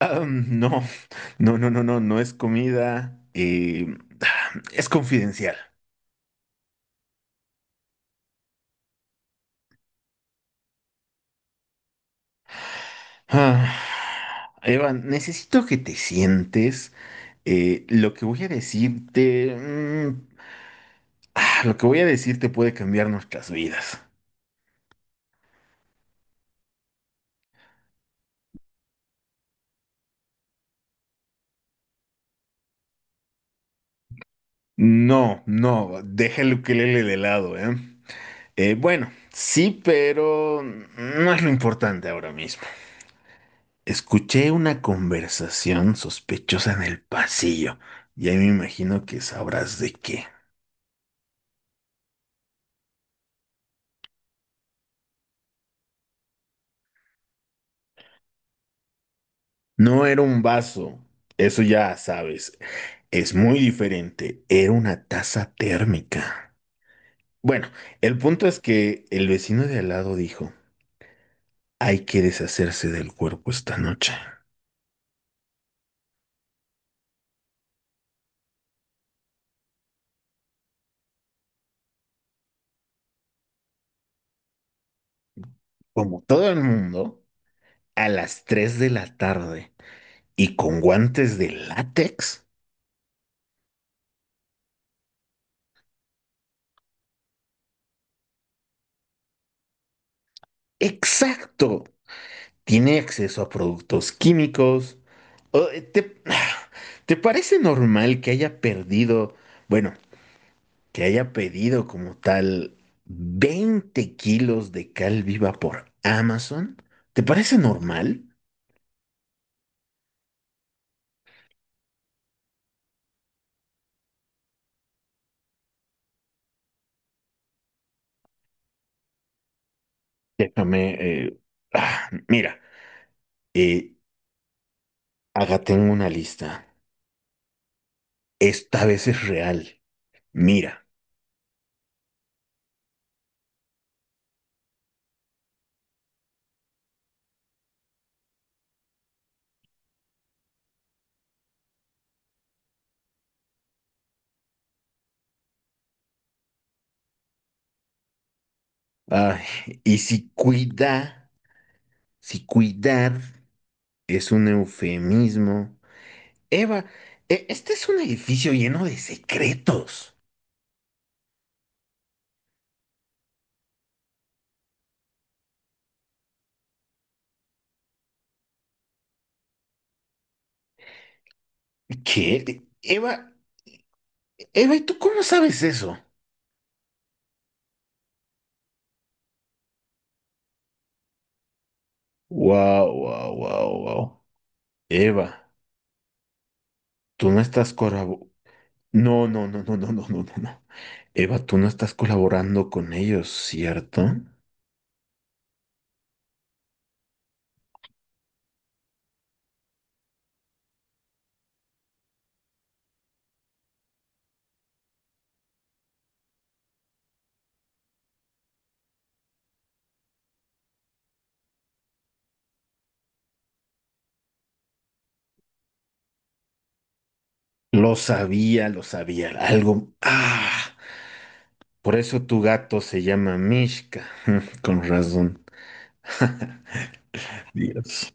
Ah, no, no, no, no, no, no es comida, es confidencial. Ah, Eva, necesito que te sientes. Lo que voy a decirte, lo que voy a decirte puede cambiar nuestras vidas. No, no, deja el ukelele de lado, ¿eh? Bueno, sí, pero no es lo importante ahora mismo. Escuché una conversación sospechosa en el pasillo. Y ahí me imagino que sabrás de qué. No era un vaso, eso ya sabes. Es muy diferente. Era una taza térmica. Bueno, el punto es que el vecino de al lado dijo, hay que deshacerse del cuerpo esta noche. Como todo el mundo, a las 3 de la tarde y con guantes de látex. Exacto, tiene acceso a productos químicos. ¿O, te, te parece normal que bueno, que haya pedido como tal 20 kilos de cal viva por Amazon? ¿Te parece normal? Déjame, ah, mira, eh, acá tengo una lista. Esta vez es real. Mira, ay, y si cuida, si cuidar es un eufemismo. Eva, este es un edificio lleno de secretos. ¿Qué? Eva, Eva, ¿y tú cómo sabes eso? Wow, wow, wow, wow. Eva, tú no estás corabo- no, no, no, no, no, no, no, no, no, Eva, tú no estás colaborando con ellos, ¿cierto? Lo sabía, lo sabía. Algo. Ah, por eso tu gato se llama Mishka. Con razón. Dios.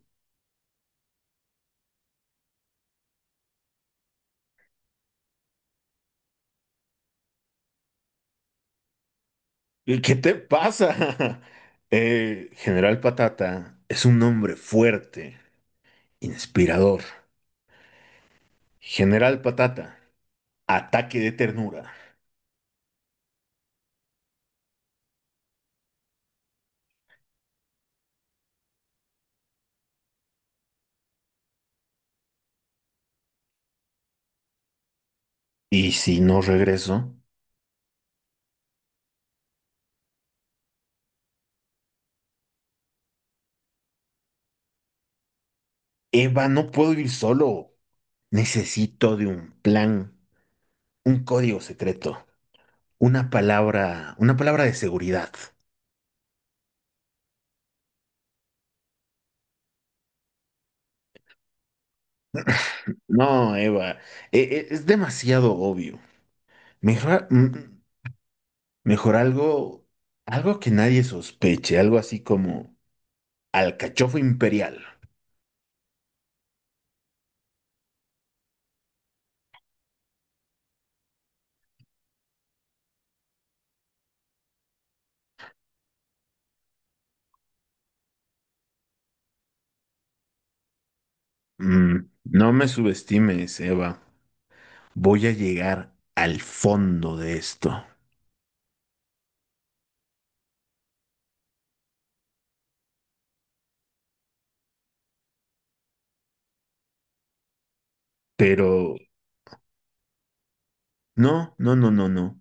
¿Y qué te pasa? General Patata es un hombre fuerte, inspirador. General Patata, ataque de ternura. Y si no regreso, Eva, no puedo ir solo. Necesito de un plan, un código secreto, una palabra de seguridad. No, Eva, es demasiado obvio. Mejor, mejor algo, algo que nadie sospeche, algo así como alcachofa imperial. Mm, no me subestimes, Eva. Voy a llegar al fondo de esto. Pero no, no, no, no, no.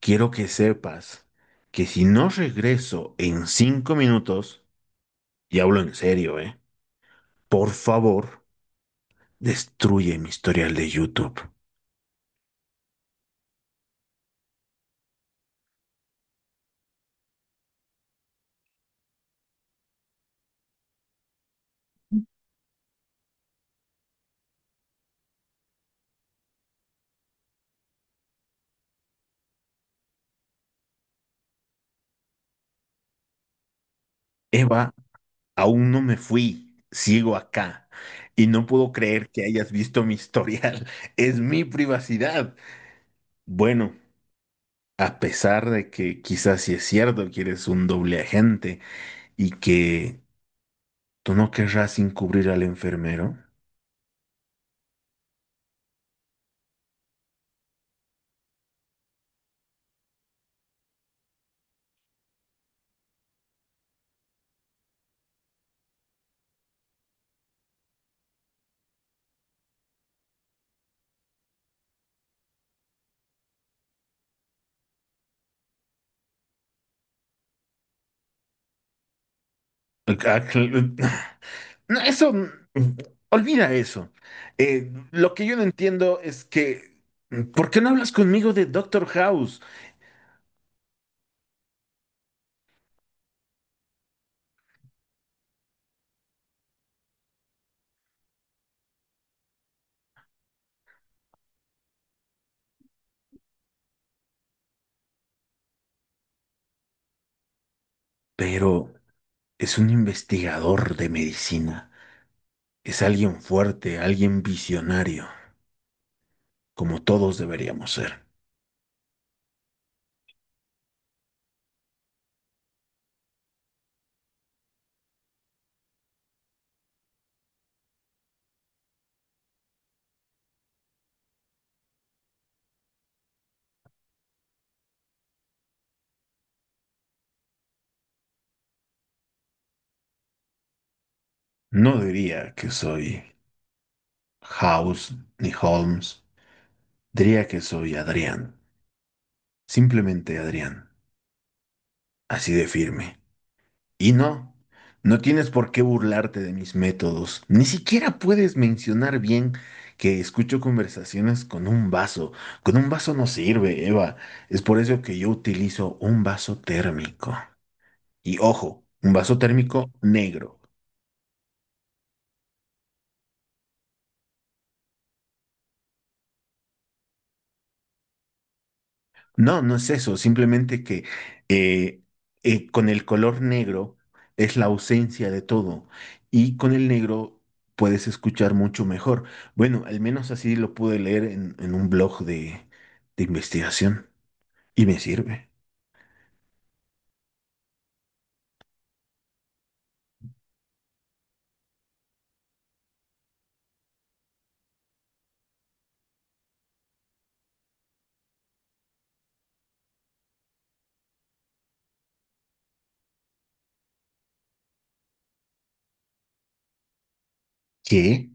Quiero que sepas que si no regreso en 5 minutos, y hablo en serio, ¿eh? Por favor, destruye mi historial de YouTube. Eva, aún no me fui. Sigo acá. Y no puedo creer que hayas visto mi historial. Es mi privacidad. Bueno, a pesar de que quizás sí es cierto que eres un doble agente y que tú no querrás encubrir al enfermero. Ok, ah, no, eso, olvida eso. Lo que yo no entiendo es que, ¿por qué no hablas conmigo de Doctor House? Pero es un investigador de medicina. Es alguien fuerte, alguien visionario, como todos deberíamos ser. No diría que soy House ni Holmes. Diría que soy Adrián, simplemente Adrián, así de firme. Y no, no tienes por qué burlarte de mis métodos, ni siquiera puedes mencionar bien que escucho conversaciones con un vaso. Con un vaso no sirve, Eva, es por eso que yo utilizo un vaso térmico. Y ojo, un vaso térmico negro. No, no es eso, simplemente que eh, con el color negro es la ausencia de todo y con el negro puedes escuchar mucho mejor. Bueno, al menos así lo pude leer en, un blog de, investigación y me sirve. ¿Qué?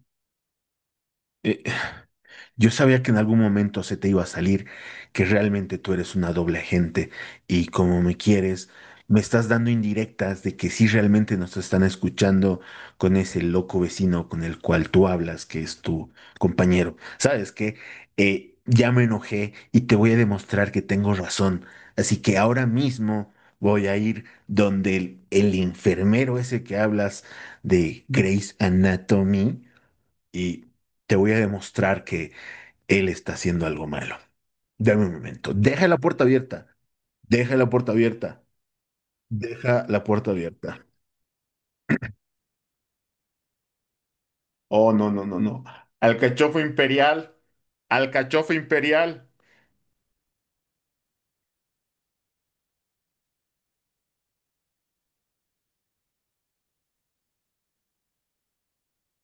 Eh, Yo sabía que en algún momento se te iba a salir, que realmente tú eres una doble agente y como me quieres, me estás dando indirectas de que sí realmente nos están escuchando con ese loco vecino con el cual tú hablas, que es tu compañero. ¿Sabes qué? Ya me enojé y te voy a demostrar que tengo razón. Así que ahora mismo voy a ir donde el enfermero ese que hablas de Grey's Anatomy y te voy a demostrar que él está haciendo algo malo. Dame un momento. Deja la puerta abierta. Deja la puerta abierta. Deja la puerta abierta. Oh, no, no, no, no. ¡Alcachofo imperial! ¡Alcachofo imperial!